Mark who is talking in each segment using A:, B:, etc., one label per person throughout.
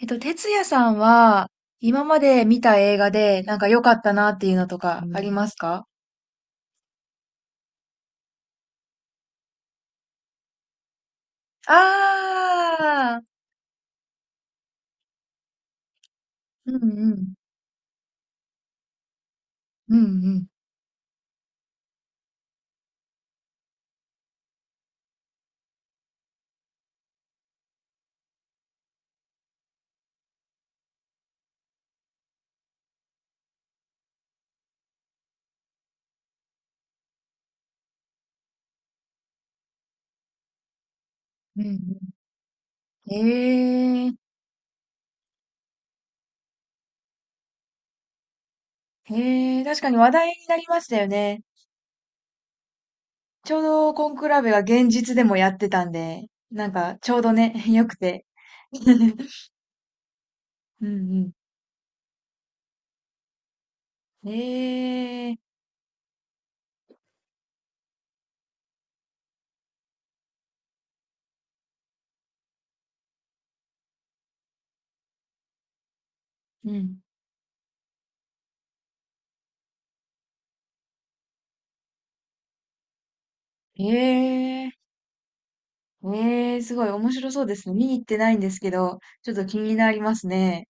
A: 哲也さんは、今まで見た映画で、なんか良かったなっていうのとかありますか？ああー、うんうん、うんうん、うんうん。ええええ確かに話題になりましたよね。ちょうどコンクラベが現実でもやってたんで、なんかちょうどね、良くて。うんうん。ええうん。ええええすごい面白そうですね。見に行ってないんですけど、ちょっと気になりますね。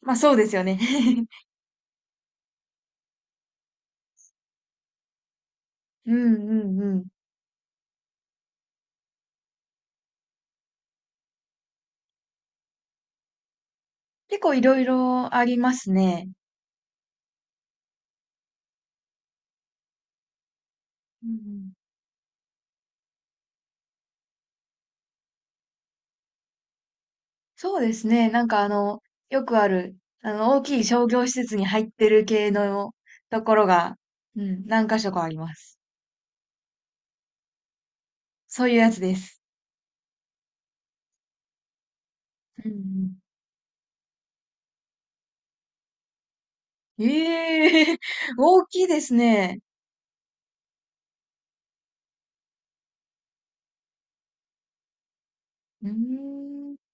A: ま、あそうですよね。うんうんうん。結構いろいろありますね。うんうん。そうですね、よくある、大きい商業施設に入ってる系のところが、うん、何箇所かあります。そういうやつです。うんうん。ええ 大きいですね。うーん。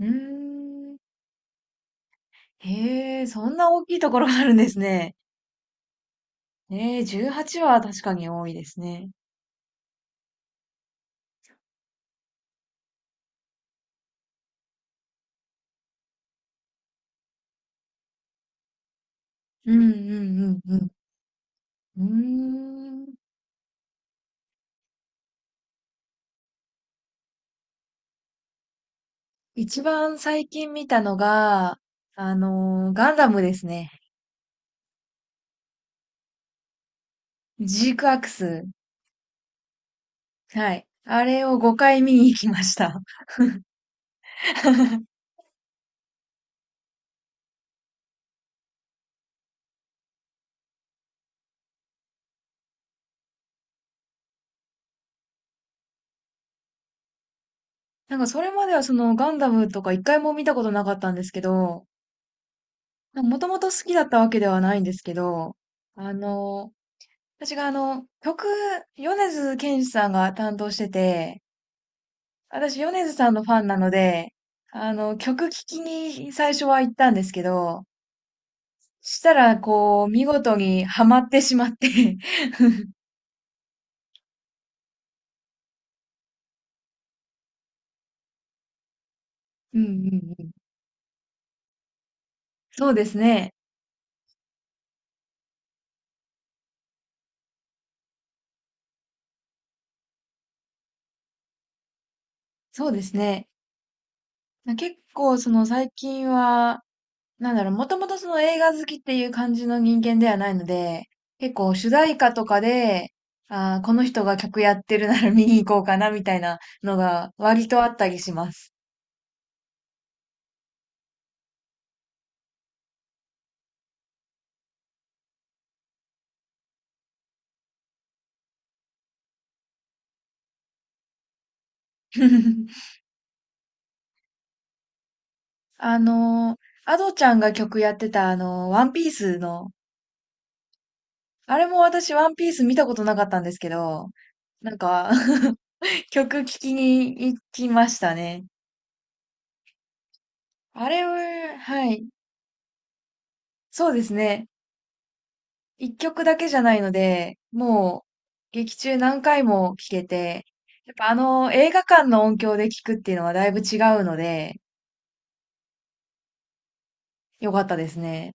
A: うーん。へえ、そんな大きいところがあるんですね。ええ、18はちは確かに多いですね。うんうんうんうん。うーん。一番最近見たのが、ガンダムですね。ジークアクス。はい。あれを5回見に行きました。なんかそれまではそのガンダムとか一回も見たことなかったんですけど、もともと好きだったわけではないんですけど、あのー私が曲、米津玄師さんが担当してて、私米津さんのファンなので、曲聴きに最初は行ったんですけど、したら、こう、見事にはまってしまって。 うんうんうん。そうですね。そうですね。結構、その最近は、なんだろう、もともとその映画好きっていう感じの人間ではないので、結構主題歌とかで、あーこの人が曲やってるなら 見に行こうかなみたいなのが割とあったりします。あのアドちゃんが曲やってたワンピースの、あれも私ワンピース見たことなかったんですけど、なんか曲聴きに行きましたね。あれは、はい。そうですね。一曲だけじゃないので、もう劇中何回も聴けて、やっぱあの映画館の音響で聴くっていうのはだいぶ違うので、よかったですね。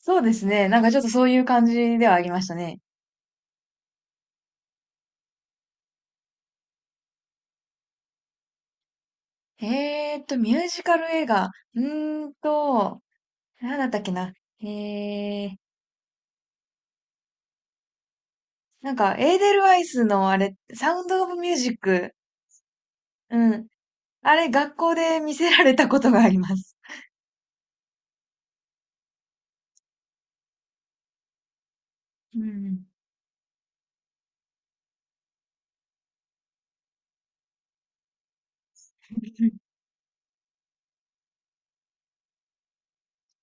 A: そうですね。なんかちょっとそういう感じではありましたね。ミュージカル映画。うーんと、なんだったっけな。えー、なんかエーデルワイスのあれ、サウンドオブミュージック。うん。あれ、学校で見せられたことがあります。うん。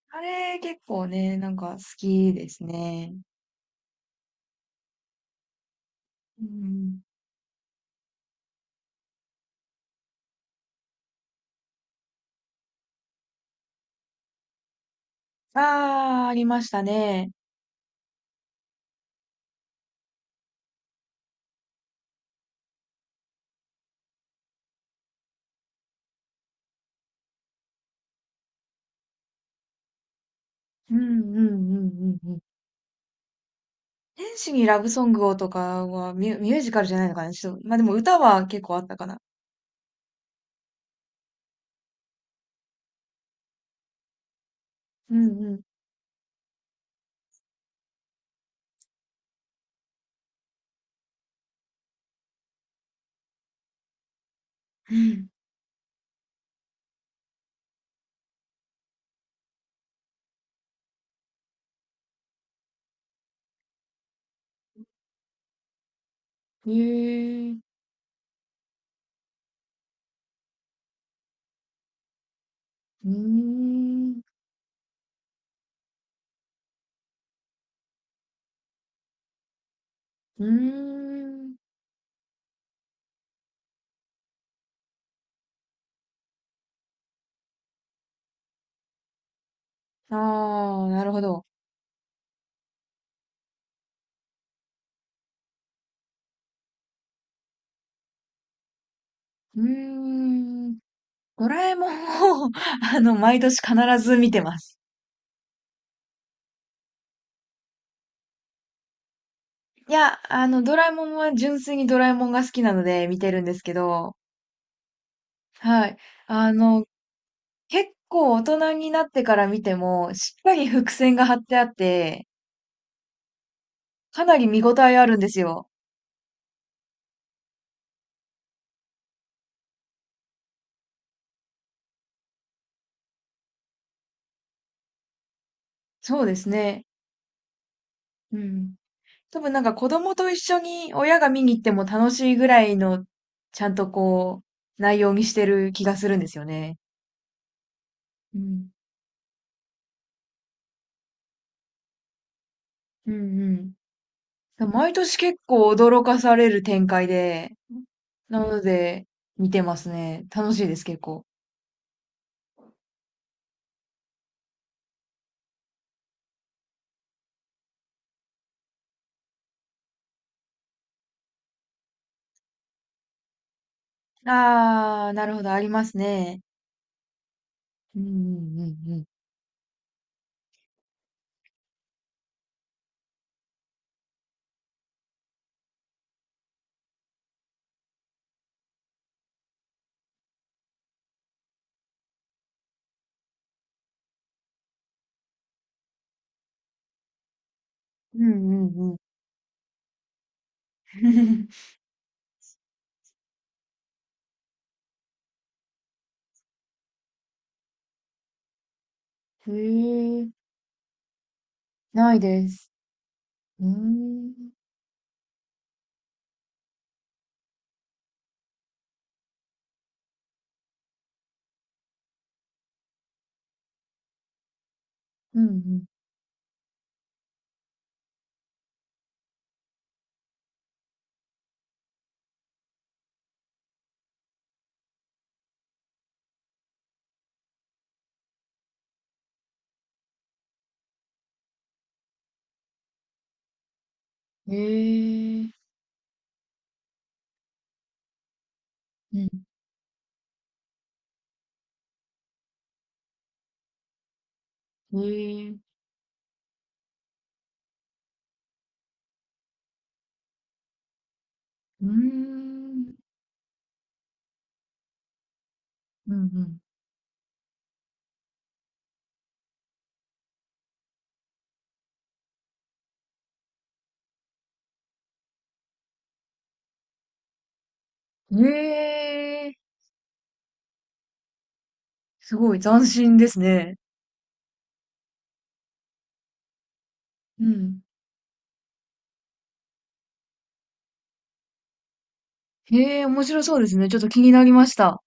A: あれ、結構ね、なんか好きですね。うん。ああ、ありましたね。うんうんうんうんうん。天使にラブソングをとかはミュージカルじゃないのかな、ちょっと、ま、でも歌は結構あったかな。うんうん。うん。へえ。うーん。うーん。ああ、なるほど。うーん。ドラえもんを 毎年必ず見てます。いや、ドラえもんは純粋にドラえもんが好きなので見てるんですけど、はい。あの、結構大人になってから見ても、しっかり伏線が張ってあって、かなり見応えあるんですよ。そうですね。うん。多分なんか子供と一緒に親が見に行っても楽しいぐらいの、ちゃんとこう、内容にしてる気がするんですよね。うん。うんうん。毎年結構驚かされる展開で、なので、見てますね。楽しいです、結構。あー、なるほど、ありますね。うんうんうんうん。うんうんうん。へえ、ないです。うーん。うんうん。へえ、うん。へえ、うーん。うんうん。へえ、すごい斬新ですね。うん。へえ、面白そうですね。ちょっと気になりました。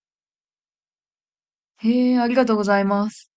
A: へえ、ありがとうございます。